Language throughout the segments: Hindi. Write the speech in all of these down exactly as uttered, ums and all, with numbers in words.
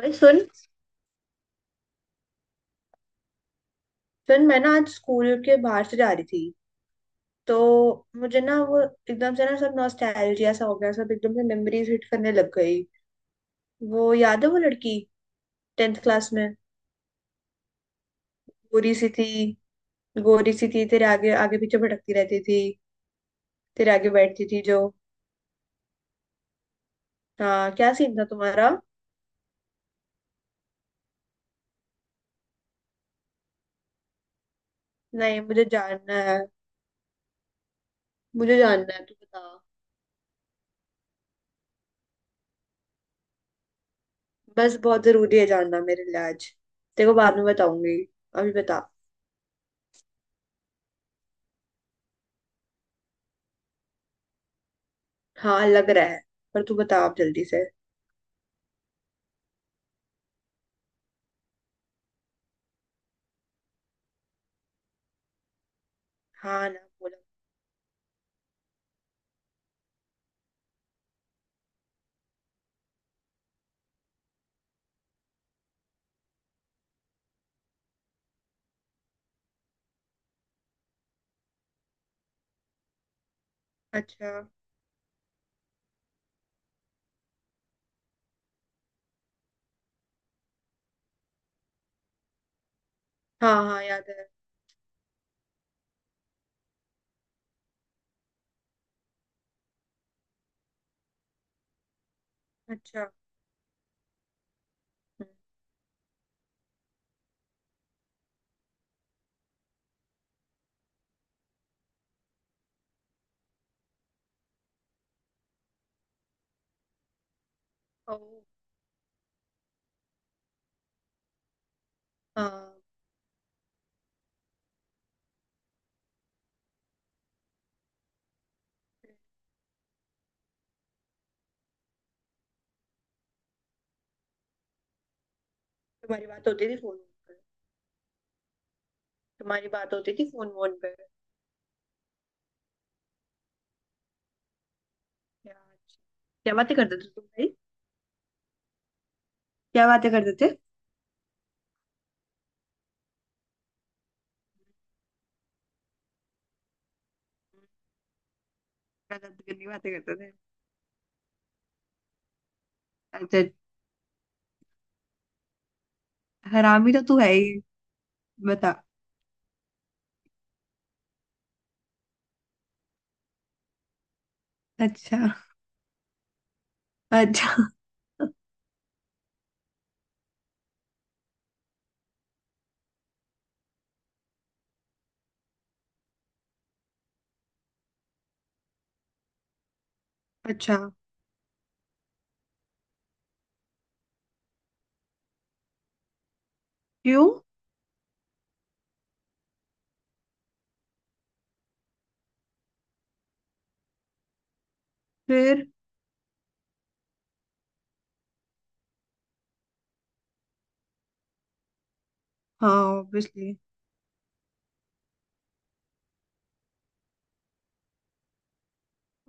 ओए सुन। सुन, मैं ना आज स्कूल के बाहर से जा रही थी तो मुझे ना वो एकदम से ना सब नॉस्टैल्जिया सा हो गया, सब एकदम से मेमोरीज हिट करने लग गई। वो याद है, वो लड़की टेंथ क्लास में गोरी सी थी। गोरी सी थी, तेरे आगे आगे पीछे भटकती रहती थी, तेरे आगे बैठती थी जो। हाँ, क्या सीन था तुम्हारा। नहीं, मुझे जानना है। मुझे जानना है, तू बता। बस बहुत जरूरी है जानना मेरे लिए आज। तेरे को बाद में बताऊंगी, अभी बता। हाँ, लग रहा है। पर तू बता, आप जल्दी से। हाँ, ना बोला। अच्छा। हाँ हाँ, याद है। अच्छा। हम्म। ओ। हाँ। तुम्हारी बात होती थी फोन पे? तुम्हारी बात होती थी फोन वोन पे? क्या? अच्छा। क्या बातें करते थे तुम भाई? क्या बातें करते थे? गलत गंदी बातें करते थे। अच्छा। हरामी तो तू है ही। बता। अच्छा। अच्छा। अच्छा। क्यों? फिर? हाँ। ऑब्वियसली।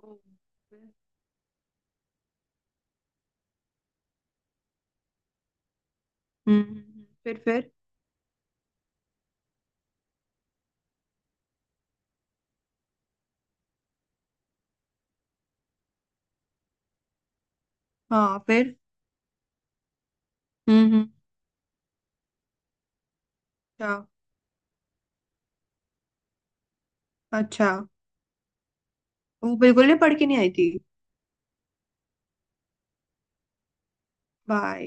हम्म हम्म, हम्म, फिर फिर? हाँ, फिर? हम्म हम्म, अच्छा। अच्छा। वो बिल्कुल नहीं पढ़ के नहीं आई थी भाई।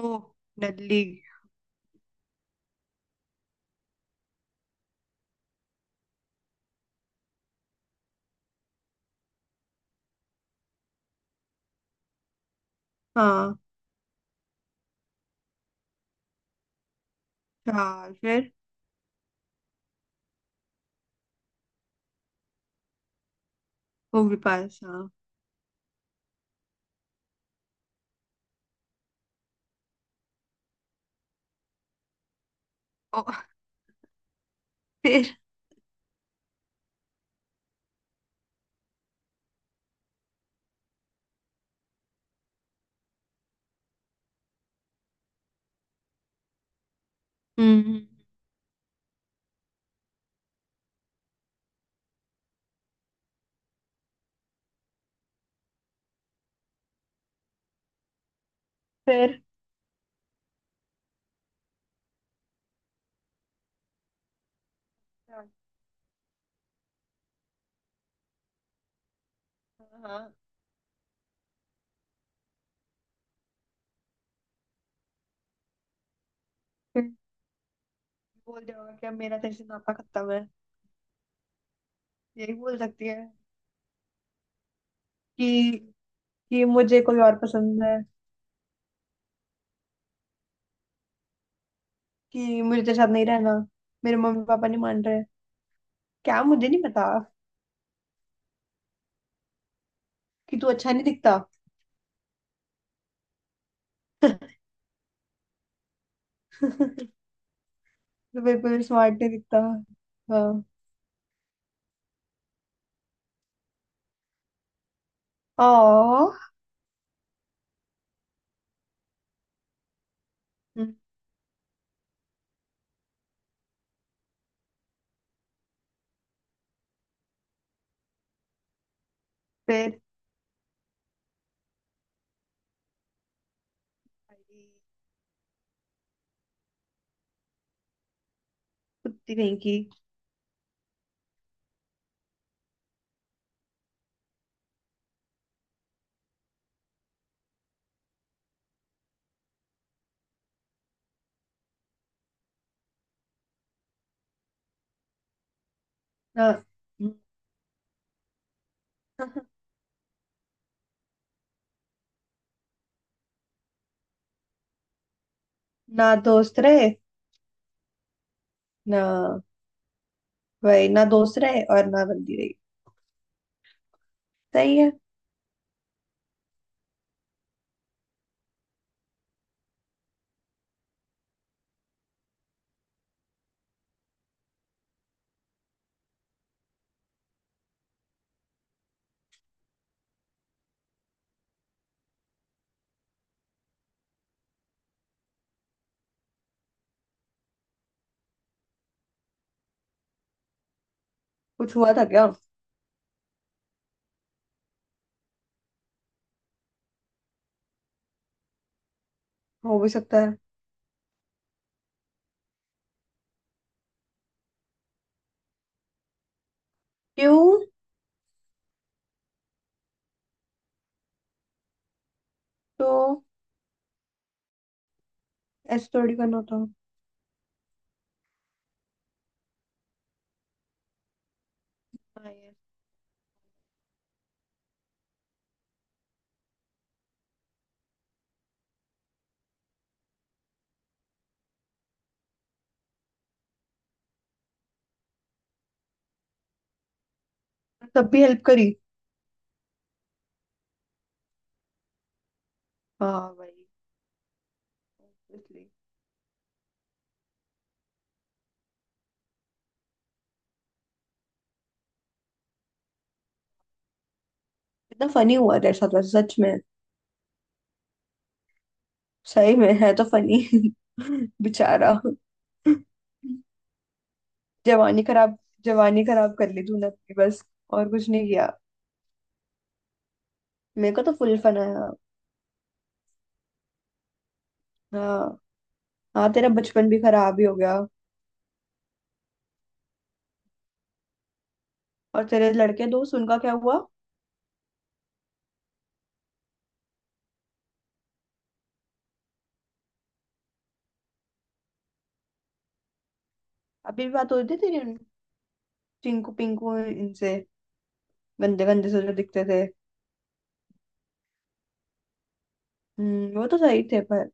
ओ। डडली। हाँ। चार, फिर? वो भी पास, हाँ? ओ। फिर? हम्म। फिर? हाँ। हाँ, फिर? बोल दिया होगा कि अब मेरा तेरे से नाता खत्म है। यही बोल सकती है। कि कि मुझे कोई और पसंद है। कि मुझे तेरे साथ नहीं रहना। मेरे मम्मी पापा नहीं मान रहे। क्या मुझे नहीं पता। कि तू अच्छा नहीं दिखता। तो बिल्कुल स्मार्ट नहीं दिखता। हाँ। ओ। फिर? कुत्ती कहीं की। हाँ। ना दोस्त रहे, ना। वही, ना दोस्त रहे और ना बंदी रही। सही है। कुछ हुआ था क्या? हो भी सकता है। क्यों? तो ऐसे थोड़ी करना होता। हाँ यार। तब भी हेल्प करी? हाँ भाई। इसलिए। इतना फनी हुआ तेरे साथ वैसे, सच में? सही में है तो फनी। बेचारा। जवानी खराब, जवानी खराब कर ली तूने अपनी बस। और कुछ नहीं किया। मेरे को तो फुल फन आया। हाँ। हाँ, तेरा बचपन भी खराब ही हो गया। और तेरे लड़के दोस्त, उनका क्या हुआ? अभी भी बात हो रही थी तेरी उन- चिंकू पिंकू इनसे? गंदे गंदे से जो दिखते थे। हम्म, वो तो सही थे, पर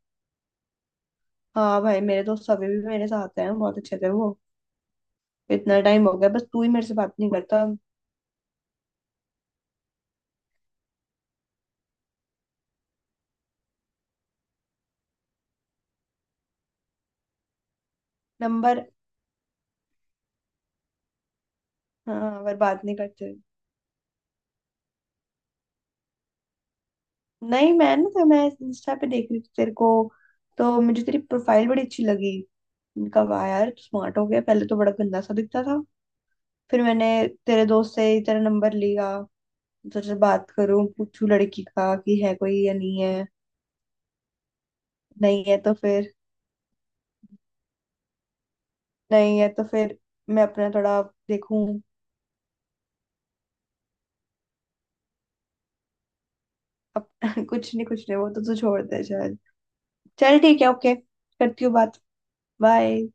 हाँ भाई मेरे दोस्त अभी भी मेरे साथ हैं, बहुत अच्छे थे वो। इतना टाइम हो गया, बस तू ही मेरे से बात नहीं करता। नंबर। हाँ, पर बात नहीं करते। नहीं, मैं ना, तो मैं इंस्टा पे देख रही थी तेरे को, तो मुझे तेरी प्रोफाइल बड़ी अच्छी लगी। इनका वाह यार, तू स्मार्ट हो गया, पहले तो बड़ा गंदा सा दिखता था। फिर मैंने तेरे दोस्त से ही तेरा नंबर लिया, तो तुझसे बात करूं, पूछूं लड़की का कि है कोई या नहीं है। नहीं है तो फिर नहीं है तो फिर मैं अपना थोड़ा देखूं। अप, कुछ नहीं, कुछ नहीं, वो तो तू छोड़ दे शायद। चल ठीक है, ओके, करती हूँ बात। बाय।